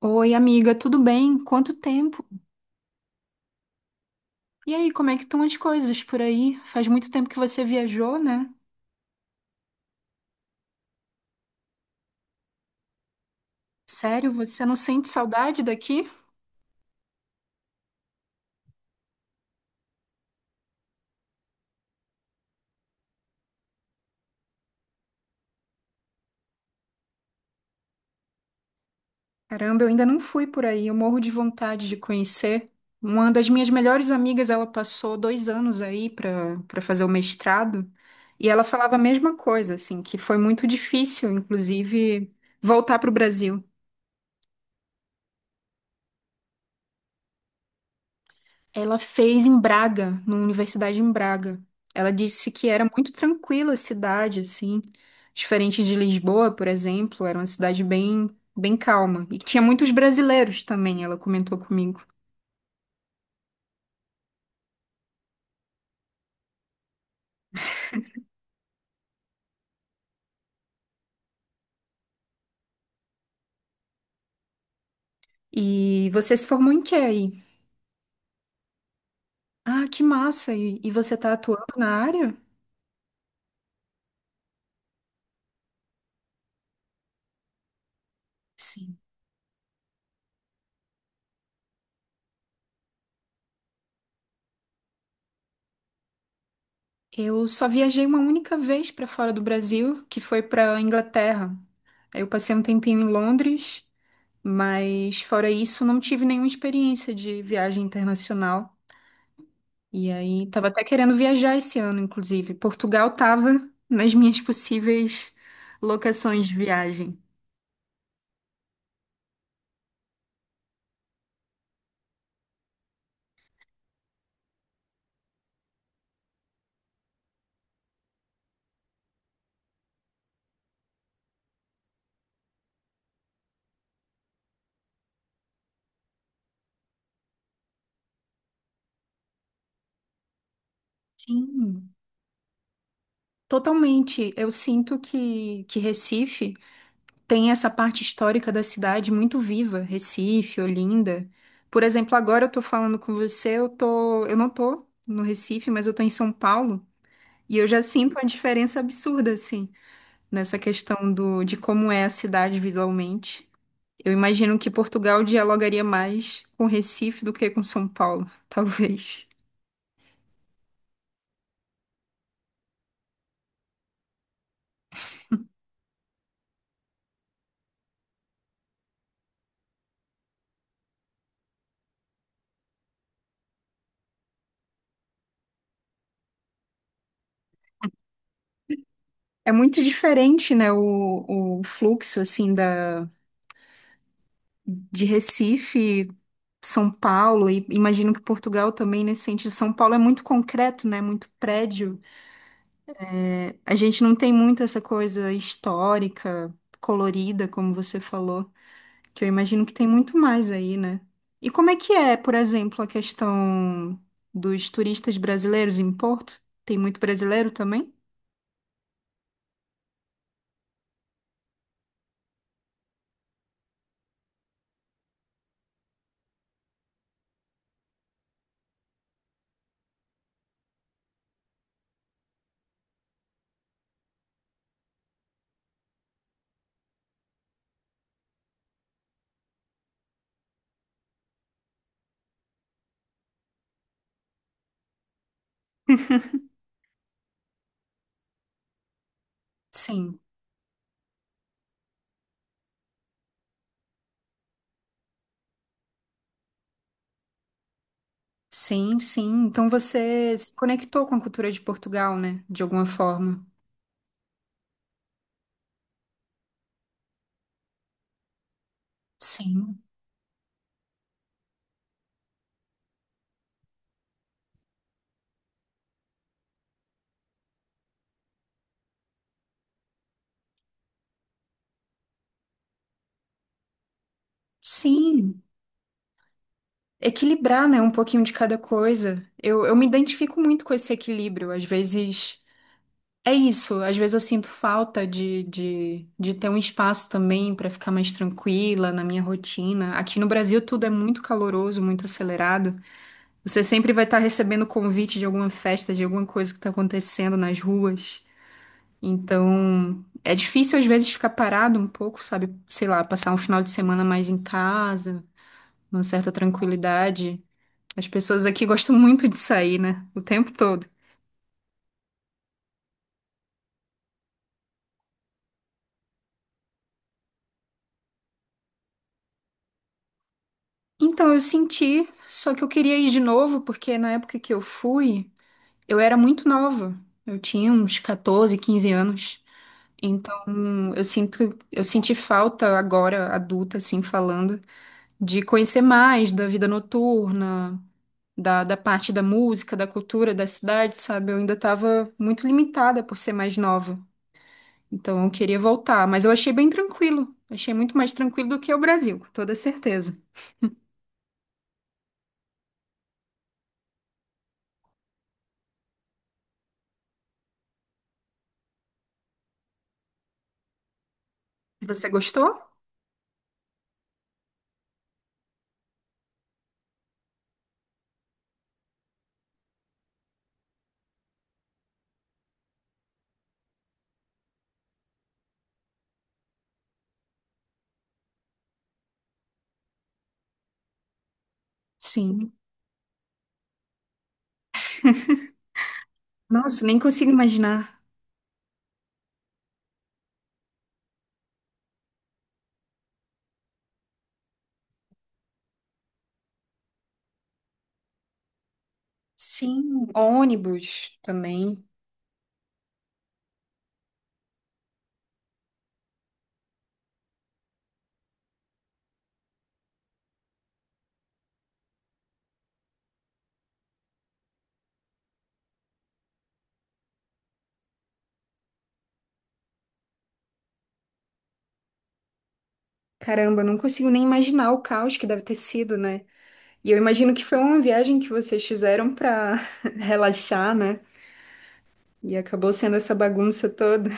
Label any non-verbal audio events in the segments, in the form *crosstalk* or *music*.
Oi, amiga, tudo bem? Quanto tempo? E aí, como é que estão as coisas por aí? Faz muito tempo que você viajou, né? Sério, você não sente saudade daqui? Caramba, eu ainda não fui por aí, eu morro de vontade de conhecer. Uma das minhas melhores amigas, ela passou 2 anos aí para fazer o mestrado, e ela falava a mesma coisa, assim, que foi muito difícil, inclusive, voltar para o Brasil. Ela fez em Braga, numa universidade em Braga. Ela disse que era muito tranquila a cidade, assim, diferente de Lisboa, por exemplo, era uma cidade bem, bem calma. E que tinha muitos brasileiros também, ela comentou comigo. E você se formou em quê aí? Ah, que massa! E você tá atuando na área? Sim. Eu só viajei uma única vez para fora do Brasil, que foi para Inglaterra. Aí eu passei um tempinho em Londres. Mas fora isso, não tive nenhuma experiência de viagem internacional. E aí, tava até querendo viajar esse ano, inclusive. Portugal tava nas minhas possíveis locações de viagem. Sim, totalmente. Eu sinto que Recife tem essa parte histórica da cidade muito viva. Recife, Olinda. Por exemplo, agora eu tô falando com você, eu tô, eu não tô no Recife, mas eu tô em São Paulo. E eu já sinto uma diferença absurda, assim, nessa questão do, de como é a cidade visualmente. Eu imagino que Portugal dialogaria mais com Recife do que com São Paulo, *laughs* talvez. É muito diferente, né, o fluxo, assim, da, de Recife, São Paulo, e imagino que Portugal também nesse sentido. São Paulo é muito concreto, né, muito prédio. A gente não tem muito essa coisa histórica, colorida, como você falou. Que eu imagino que tem muito mais aí, né? E como é que é, por exemplo, a questão dos turistas brasileiros em Porto? Tem muito brasileiro também? Sim, sim, sim. Então você se conectou com a cultura de Portugal, né? De alguma forma. Sim, sim. Equilibrar, né? Um pouquinho de cada coisa. Eu me identifico muito com esse equilíbrio. Às vezes. É isso, às vezes eu sinto falta de ter um espaço também para ficar mais tranquila na minha rotina. Aqui no Brasil tudo é muito caloroso, muito acelerado. Você sempre vai estar recebendo convite de alguma festa, de alguma coisa que está acontecendo nas ruas. Então, é difícil às vezes ficar parado um pouco, sabe? Sei lá, passar um final de semana mais em casa, numa certa tranquilidade. As pessoas aqui gostam muito de sair, né? O tempo todo. Então, eu senti, só que eu queria ir de novo, porque na época que eu fui, eu era muito nova. Eu tinha uns 14, 15 anos. Então, eu sinto, eu senti falta agora, adulta, assim, falando, de conhecer mais da vida noturna, da parte da música, da cultura da cidade, sabe? Eu ainda estava muito limitada por ser mais nova. Então, eu queria voltar, mas eu achei bem tranquilo. Achei muito mais tranquilo do que o Brasil, com toda certeza. Você gostou? Sim. Nossa, nem consigo imaginar. Sim, ônibus também. Caramba, não consigo nem imaginar o caos que deve ter sido, né? E eu imagino que foi uma viagem que vocês fizeram para *laughs* relaxar, né? E acabou sendo essa bagunça toda.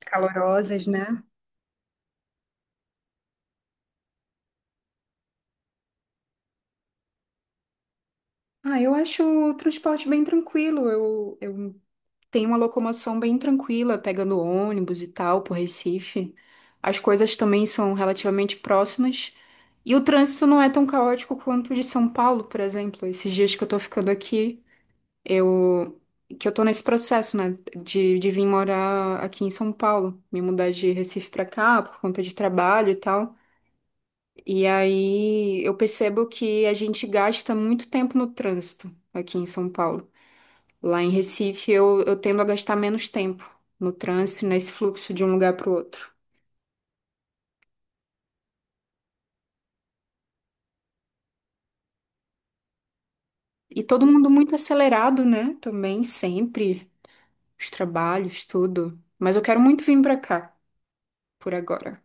Calorosas, né? Ah, eu acho o transporte bem tranquilo. Eu, tem uma locomoção bem tranquila, pegando ônibus e tal, por Recife. As coisas também são relativamente próximas. E o trânsito não é tão caótico quanto o de São Paulo, por exemplo. Esses dias que eu tô ficando aqui, eu, que eu tô nesse processo, né? De vir morar aqui em São Paulo, me mudar de Recife pra cá por conta de trabalho e tal. E aí eu percebo que a gente gasta muito tempo no trânsito aqui em São Paulo. Lá em Recife, eu tendo a gastar menos tempo no trânsito, nesse fluxo de um lugar para o outro. E todo mundo muito acelerado, né? Também, sempre. Os trabalhos, tudo. Mas eu quero muito vir para cá, por agora.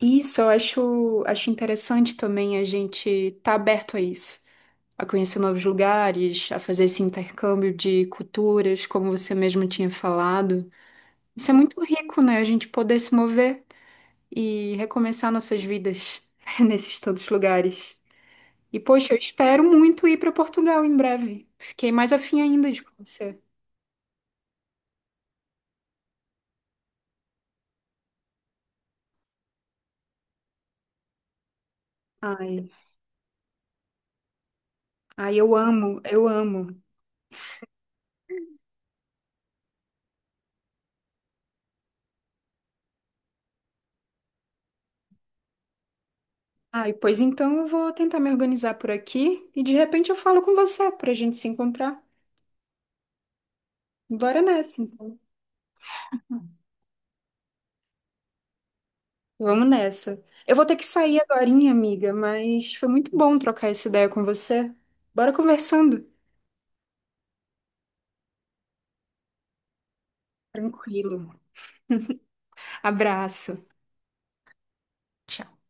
E isso, eu acho, acho interessante também a gente estar tá aberto a isso. A conhecer novos lugares, a fazer esse intercâmbio de culturas, como você mesmo tinha falado. Isso é muito rico, né? A gente poder se mover e recomeçar nossas vidas *laughs* nesses tantos lugares. E, poxa, eu espero muito ir para Portugal em breve. Fiquei mais afim ainda de conhecer. Ai, ai, eu amo, eu amo. Ai, pois então eu vou tentar me organizar por aqui e de repente eu falo com você para a gente se encontrar. Bora nessa, então. Vamos nessa. Eu vou ter que sair agorinha, amiga, mas foi muito bom trocar essa ideia com você. Bora conversando. Tranquilo. Abraço. Tchau.